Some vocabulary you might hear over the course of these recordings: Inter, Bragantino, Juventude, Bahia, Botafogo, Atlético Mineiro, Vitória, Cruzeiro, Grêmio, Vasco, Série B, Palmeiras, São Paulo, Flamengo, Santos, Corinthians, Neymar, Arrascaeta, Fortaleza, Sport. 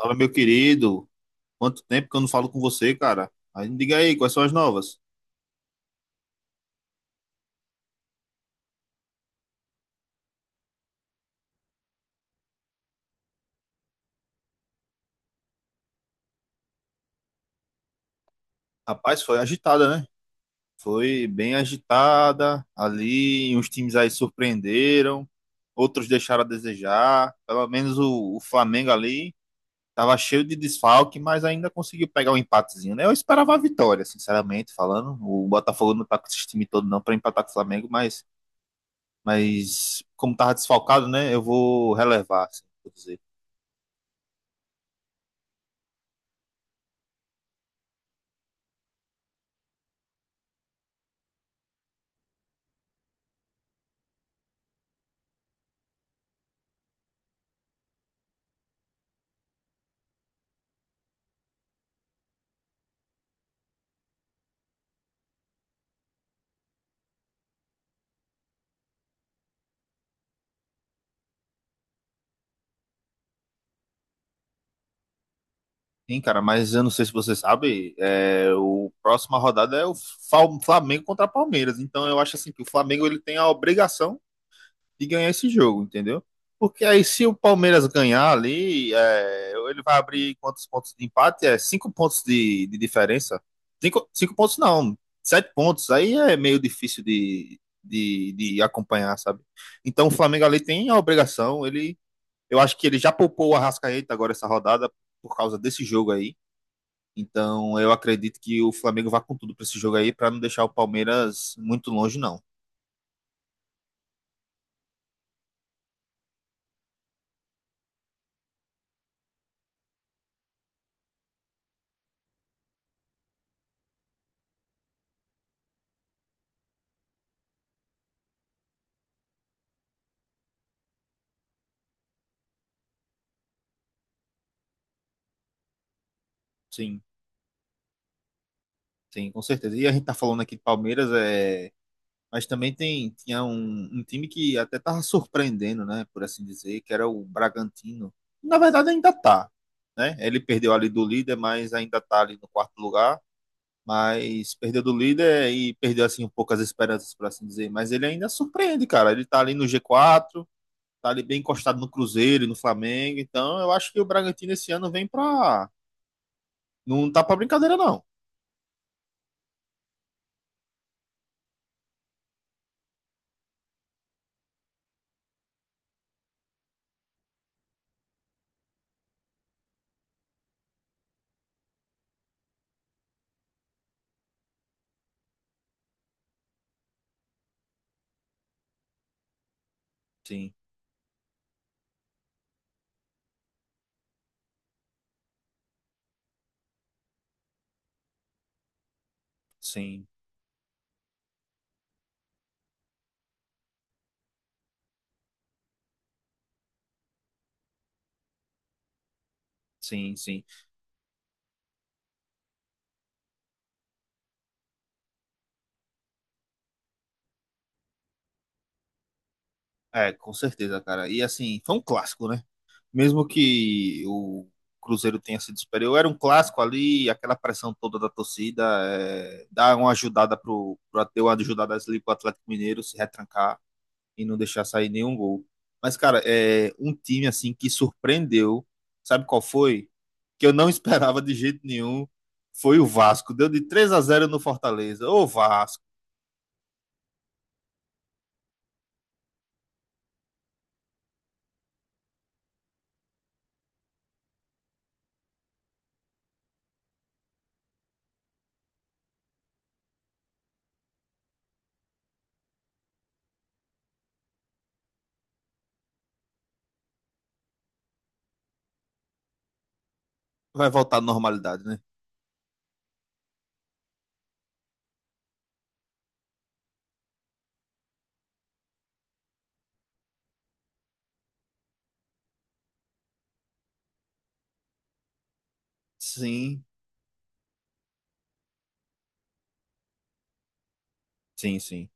Fala, meu querido. Quanto tempo que eu não falo com você, cara? Aí me diga aí, quais são as novas? Rapaz, foi agitada, né? Foi bem agitada. Ali, uns times aí surpreenderam, outros deixaram a desejar. Pelo menos o Flamengo ali tava cheio de desfalque, mas ainda conseguiu pegar um empatezinho, né? Eu esperava a vitória, sinceramente falando. O Botafogo não tá com esse time todo não para empatar com o Flamengo, mas como tava desfalcado, né? Eu vou relevar, assim, vou dizer. Sim, cara, mas eu não sei se você sabe, o próxima rodada é o Flamengo contra Palmeiras. Então eu acho assim que o Flamengo ele tem a obrigação de ganhar esse jogo, entendeu? Porque aí se o Palmeiras ganhar ali, ele vai abrir quantos pontos de empate? É cinco pontos de diferença. Cinco pontos não, sete pontos. Aí é meio difícil de acompanhar, sabe? Então o Flamengo ali tem a obrigação. Eu acho que ele já poupou o Arrascaeta agora essa rodada por causa desse jogo aí. Então, eu acredito que o Flamengo vá com tudo para esse jogo aí, para não deixar o Palmeiras muito longe, não. Sim, sim, com certeza. E a gente tá falando aqui de Palmeiras, mas também tinha um time que até tava surpreendendo, né, por assim dizer, que era o Bragantino. Na verdade, ainda tá, né? Ele perdeu ali do líder, mas ainda tá ali no quarto lugar. Mas perdeu do líder e perdeu, assim, um pouco as esperanças, por assim dizer. Mas ele ainda surpreende, cara. Ele tá ali no G4, tá ali bem encostado no Cruzeiro e no Flamengo. Então, eu acho que o Bragantino esse ano vem pra. Não tá pra brincadeira, não. Sim, sim, sim, sim. É, com certeza, cara. E assim, foi um clássico, né? Mesmo que o Cruzeiro tenha sido superior, era um clássico ali, aquela pressão toda da torcida, dar uma ajudada pro deu uma ajudada ali pro Atlético Mineiro se retrancar, e não deixar sair nenhum gol. Mas, cara, é um time assim que surpreendeu. Sabe qual foi? Que eu não esperava de jeito nenhum. Foi o Vasco. Deu de 3-0 no Fortaleza. Ô, Vasco. Vai voltar à normalidade, né? Sim, sim, sim,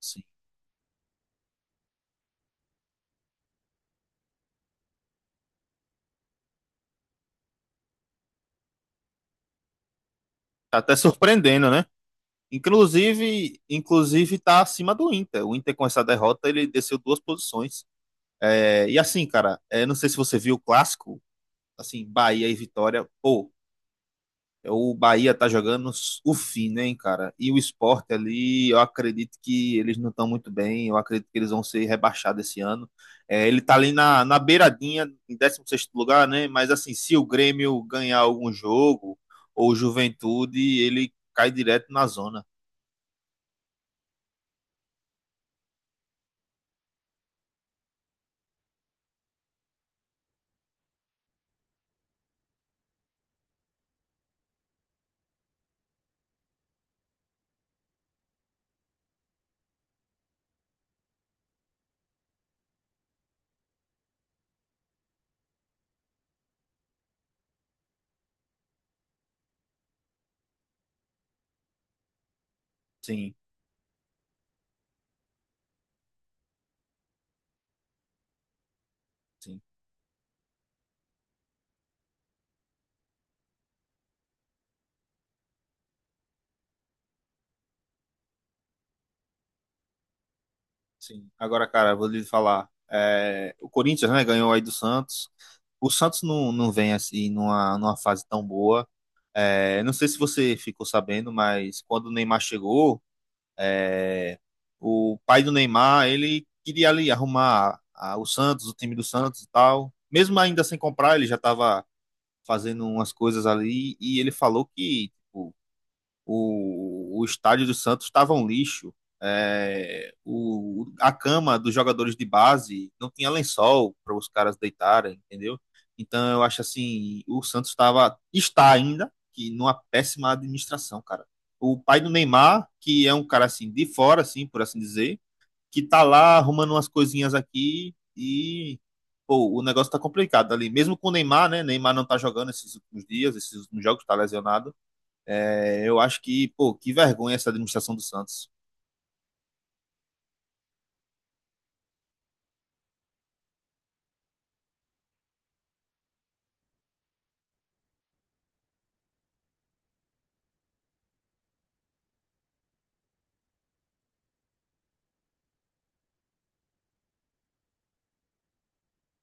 sim. Tá até surpreendendo, né? Inclusive tá acima do Inter. O Inter com essa derrota, ele desceu duas posições. É, e assim, cara, não sei se você viu o clássico, assim, Bahia e Vitória. Pô, o Bahia tá jogando o fim, né, hein, cara? E o Sport ali, eu acredito que eles não estão muito bem, eu acredito que eles vão ser rebaixados esse ano. É, ele tá ali na beiradinha, em 16º lugar, né? Mas assim, se o Grêmio ganhar algum jogo, ou Juventude, ele cai direto na zona. Sim, sim, sim. Agora, cara, vou lhe falar, o Corinthians, né, ganhou aí do Santos. O Santos não, não vem assim numa fase tão boa. É, não sei se você ficou sabendo, mas quando o Neymar chegou, é, o pai do Neymar, ele queria ali arrumar o Santos, o time do Santos e tal. Mesmo ainda sem comprar, ele já estava fazendo umas coisas ali e ele falou que tipo, o estádio do Santos estava um lixo. É, a cama dos jogadores de base não tinha lençol para os caras deitarem, entendeu? Então eu acho assim, o Santos estava está ainda que numa péssima administração, cara. O pai do Neymar, que é um cara assim de fora assim, por assim dizer, que tá lá arrumando umas coisinhas aqui e pô, o negócio tá complicado ali, mesmo com o Neymar, né? Neymar não tá jogando esses últimos dias, esses últimos jogos tá lesionado. É, eu acho que, pô, que vergonha essa administração do Santos.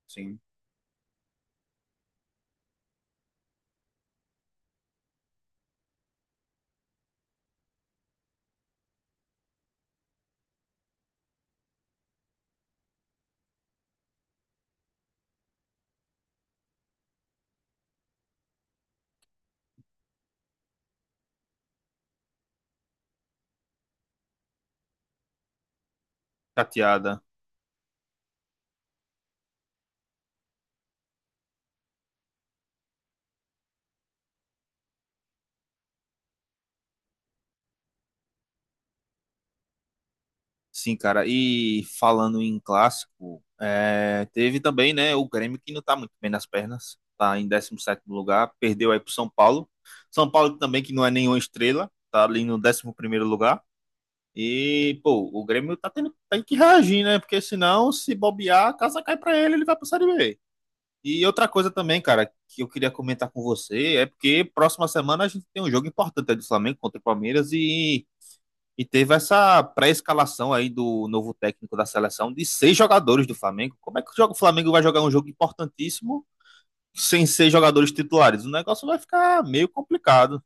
Sim, chateada. Sim, cara. E falando em clássico, teve também, né, o Grêmio que não tá muito bem nas pernas. Tá em 17º lugar, perdeu aí pro São Paulo. São Paulo também que não é nenhuma estrela, tá ali no 11º lugar. E, pô, o Grêmio tem que reagir, né? Porque senão, se bobear, a casa cai pra ele, ele vai pra Série B. E outra coisa também, cara, que eu queria comentar com você é porque próxima semana a gente tem um jogo importante é do Flamengo contra o Palmeiras e teve essa pré-escalação aí do novo técnico da seleção de seis jogadores do Flamengo. Como é que o Flamengo vai jogar um jogo importantíssimo sem seis jogadores titulares? O negócio vai ficar meio complicado.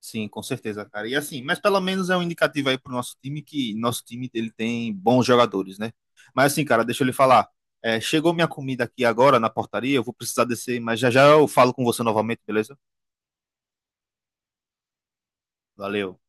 Sim, com certeza, cara. E assim, mas pelo menos é um indicativo aí pro nosso time que nosso time ele tem bons jogadores, né? Mas assim, cara, deixa eu lhe falar. É, chegou minha comida aqui agora na portaria, eu vou precisar descer, mas já já eu falo com você novamente, beleza? Valeu.